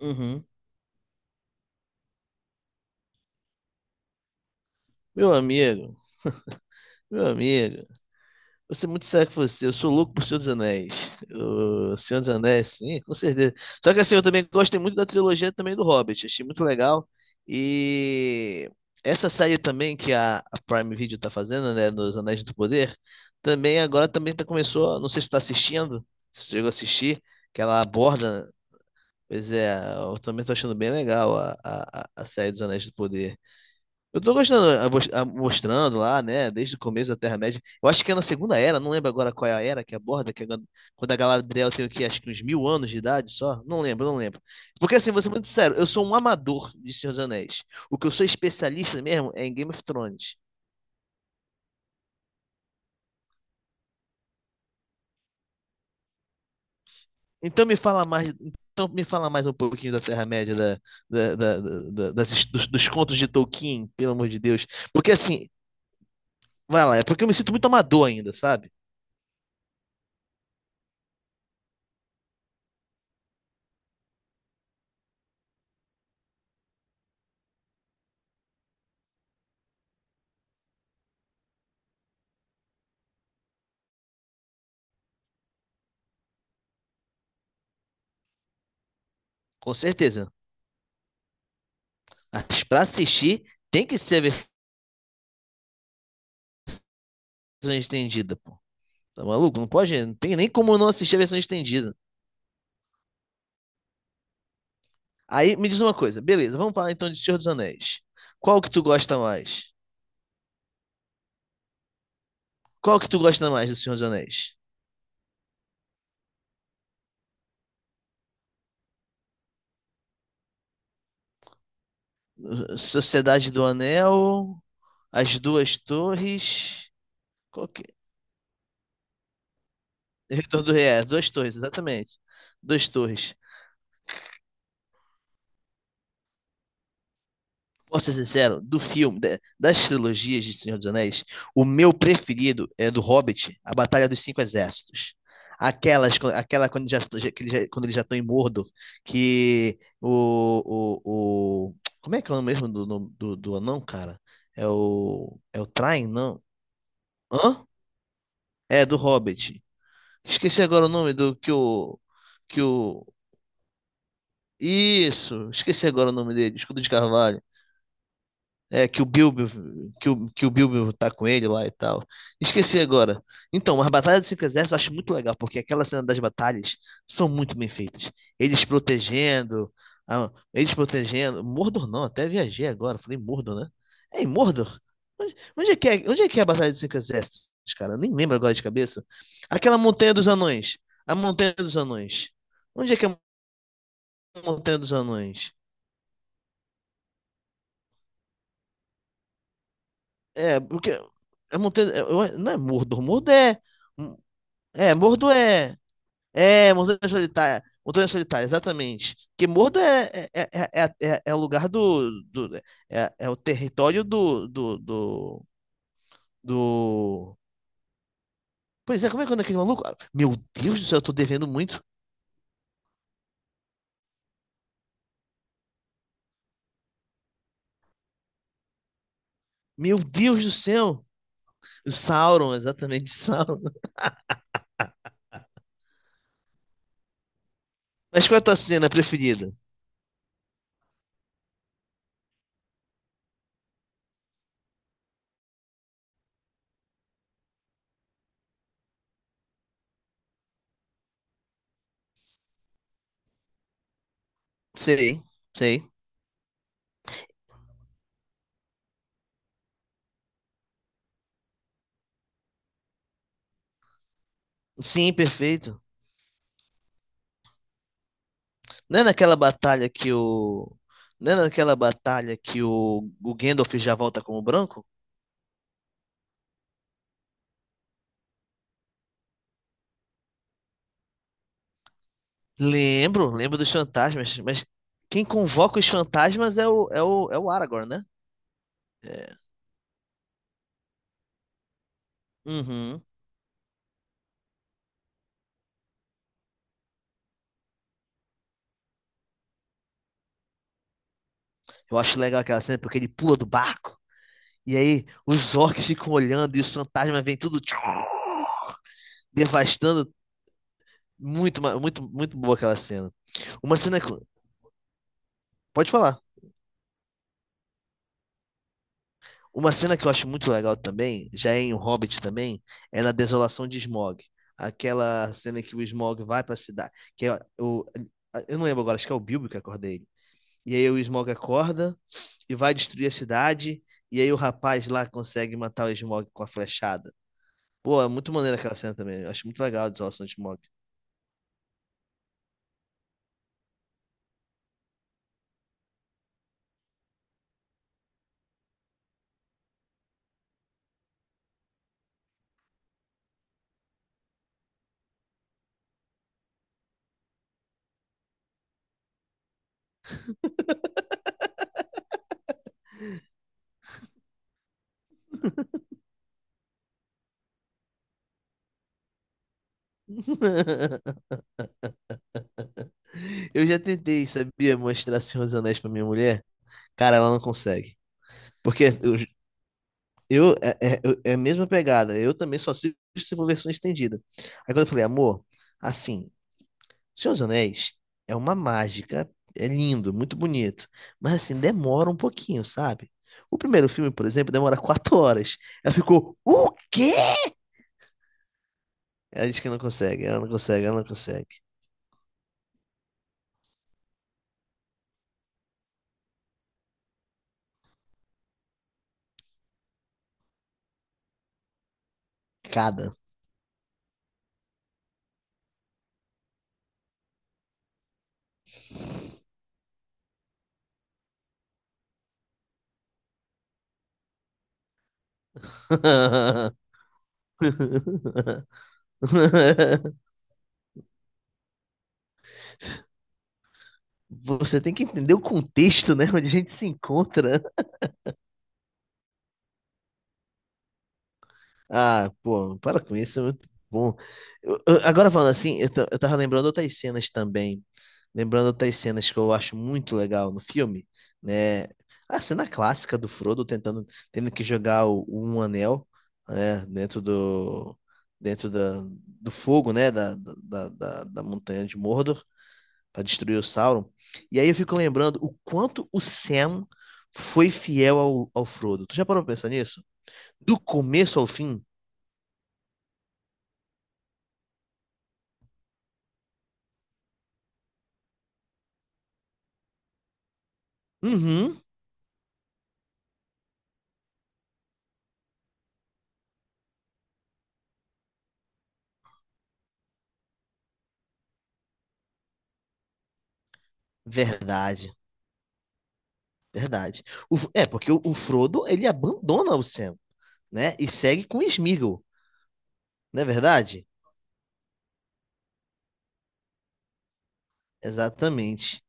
Uhum. Meu amigo, meu amigo, vou ser muito sério com você. Eu sou louco por Senhor dos Anéis. O Senhor dos Anéis, sim, com certeza. Só que assim, eu também gosto muito da trilogia também do Hobbit. Achei muito legal. E essa série também que a Prime Video tá fazendo, né, dos Anéis do Poder, também agora também tá, começou, não sei se tu tá assistindo, se tu chegou a assistir, que ela aborda, pois é, eu também tô achando bem legal a série dos Anéis do Poder. Eu tô gostando, mostrando lá, né, desde o começo da Terra-média. Eu acho que é na Segunda Era, não lembro agora qual é a era que aborda, que é quando quando a Galadriel tem o quê? Acho que uns 1000 anos de idade só. Não lembro, não lembro. Porque assim, vou ser muito sério, eu sou um amador de Senhor dos Anéis. O que eu sou especialista mesmo é em Game of Thrones. Então me fala mais, então me fala mais um pouquinho da Terra-média, dos contos de Tolkien, pelo amor de Deus. Porque assim, vai lá, é porque eu me sinto muito amador ainda, sabe? Com certeza. Mas pra assistir, tem que ser a versão estendida, pô. Tá maluco? Não pode, não tem nem como não assistir a versão estendida. Aí me diz uma coisa, beleza, vamos falar então de Senhor dos Anéis. Qual que tu gosta mais? Qual que tu gosta mais do Senhor dos Anéis? Sociedade do Anel, As Duas Torres, qual que... Retorno do Rei, As Duas Torres, exatamente. Duas Torres. Posso ser sincero, do filme, das trilogias de Senhor dos Anéis, o meu preferido é do Hobbit, A Batalha dos Cinco Exércitos. Aquelas, aquela quando já, já- que eles já- Quando eles já estão em Mordor, que o- como é que é o nome mesmo do, nome do, do anão, cara? É o Thrain, não? Hã? É, do Hobbit. Esqueci agora o nome do que o. Que o. Isso! Esqueci agora o nome dele, Escudo de Carvalho. É, que o Bilbo, que o Bilbo tá com ele lá e tal. Esqueci agora. Então, as Batalhas dos Cinco Exércitos eu acho muito legal, porque aquela cena das batalhas são muito bem feitas. Eles protegendo, eles protegendo. Mordor não, até viajei agora, falei Mordor, né? É em Mordor? Onde é que é, onde é que é a Batalha dos Cinco Exércitos, cara? Eu nem lembro agora de cabeça. Aquela Montanha dos Anões. A Montanha dos Anões. Onde é que é a Montanha dos Anões? É, porque. A montanha, não é Mordor, Mordor é. É, Mordo é. É, Montanha Solitária. Montanha Solitária, exatamente. Porque Mordo é é o lugar do, do é, é o território do. Pois é, como é que é o nome daquele maluco? Ah, Meu Deus do céu, eu tô devendo muito. Meu Deus do céu. O Sauron, exatamente, Sauron. Mas qual é a tua cena preferida? Sei, sei. Sim, perfeito. Não é naquela batalha que o. Não é naquela batalha que o Gandalf já volta como branco? Lembro, lembro dos fantasmas, mas quem convoca os fantasmas é é o Aragorn, né? É. Uhum. Eu acho legal aquela cena porque ele pula do barco. E aí os orcs ficam olhando e os fantasmas vêm tudo tchum, devastando. Muito, muito boa aquela cena. Uma cena que. Pode falar. Uma cena que eu acho muito legal também, já é em O Hobbit também, é na Desolação de Smaug. Aquela cena que o Smaug vai pra cidade. Que é o... Eu não lembro agora, acho que é o Bilbo que acorda ele. E aí o Smaug acorda e vai destruir a cidade. E aí o rapaz lá consegue matar o Smaug com a flechada. Pô, é muito maneiro aquela cena também. Eu acho muito legal a desolação de Smaug. Eu já tentei, sabia, mostrar Senhor dos Anéis pra minha mulher. Cara, ela não consegue. Porque é a mesma pegada. Eu também só assisto se for versão estendida. Aí quando eu falei, amor, assim, Senhor dos Anéis é uma mágica, é lindo, muito bonito, mas assim, demora um pouquinho, sabe? O primeiro filme, por exemplo, demora 4 horas. Ela ficou, o quê? Ela disse que não consegue, ela não consegue, ela não consegue. Cada. Você tem que entender o contexto, né? Onde a gente se encontra. Ah, pô, para com isso, é muito bom. Agora falando assim, eu tava lembrando outras cenas também. Lembrando outras cenas que eu acho muito legal no filme, né? A cena clássica do Frodo tentando, tendo que jogar o, um anel, né? Dentro do, dentro da, do fogo, né? Da montanha de Mordor para destruir o Sauron. E aí eu fico lembrando o quanto o Sam foi fiel ao, ao Frodo. Tu já parou pra pensar nisso? Do começo ao fim? Uhum. Verdade, verdade. É, porque o Frodo, ele abandona o Sam, né? E segue com o Sméagol, não é verdade? Exatamente.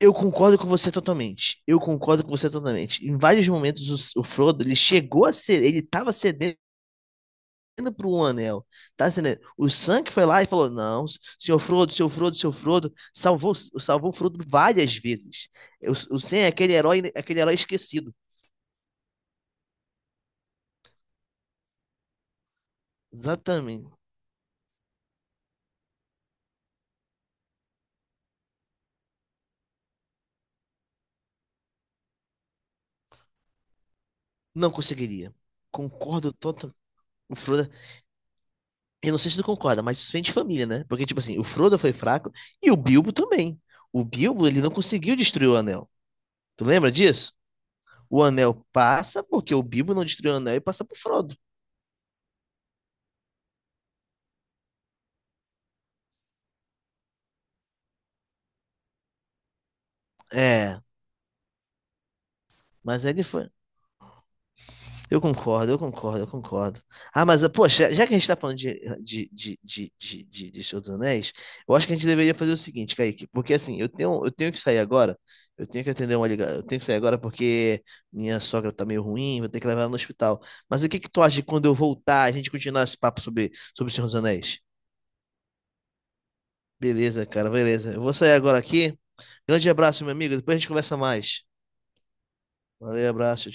Eu concordo com você totalmente. Eu concordo com você totalmente. Em vários momentos, o Frodo, ele chegou a ser, ele tava cedendo pro Anel, tá entendendo? O Sam que foi lá e falou, não, senhor Frodo, senhor Frodo, senhor Frodo, salvou, salvou o Frodo várias vezes. O Sam é aquele herói esquecido. Exatamente. Não conseguiria. Concordo o Frodo. Eu não sei se tu concorda, mas isso vem de família, né? Porque, tipo assim, o Frodo foi fraco e o Bilbo também. O Bilbo, ele não conseguiu destruir o anel. Tu lembra disso? O anel passa porque o Bilbo não destruiu o anel e passa pro Frodo. É, mas ele foi. Eu concordo, eu concordo, eu concordo. Ah, mas, poxa, já que a gente tá falando de Senhor dos Anéis, eu acho que a gente deveria fazer o seguinte, Kaique, porque assim, eu tenho que sair agora, eu tenho que atender uma ligação, eu tenho que sair agora porque minha sogra tá meio ruim, vou ter que levar ela no hospital. Mas o que que tu acha de quando eu voltar, a gente continuar esse papo sobre, sobre o Senhor dos Anéis? Beleza, cara, beleza. Eu vou sair agora aqui. Grande abraço, meu amigo, depois a gente conversa mais. Valeu, abraço,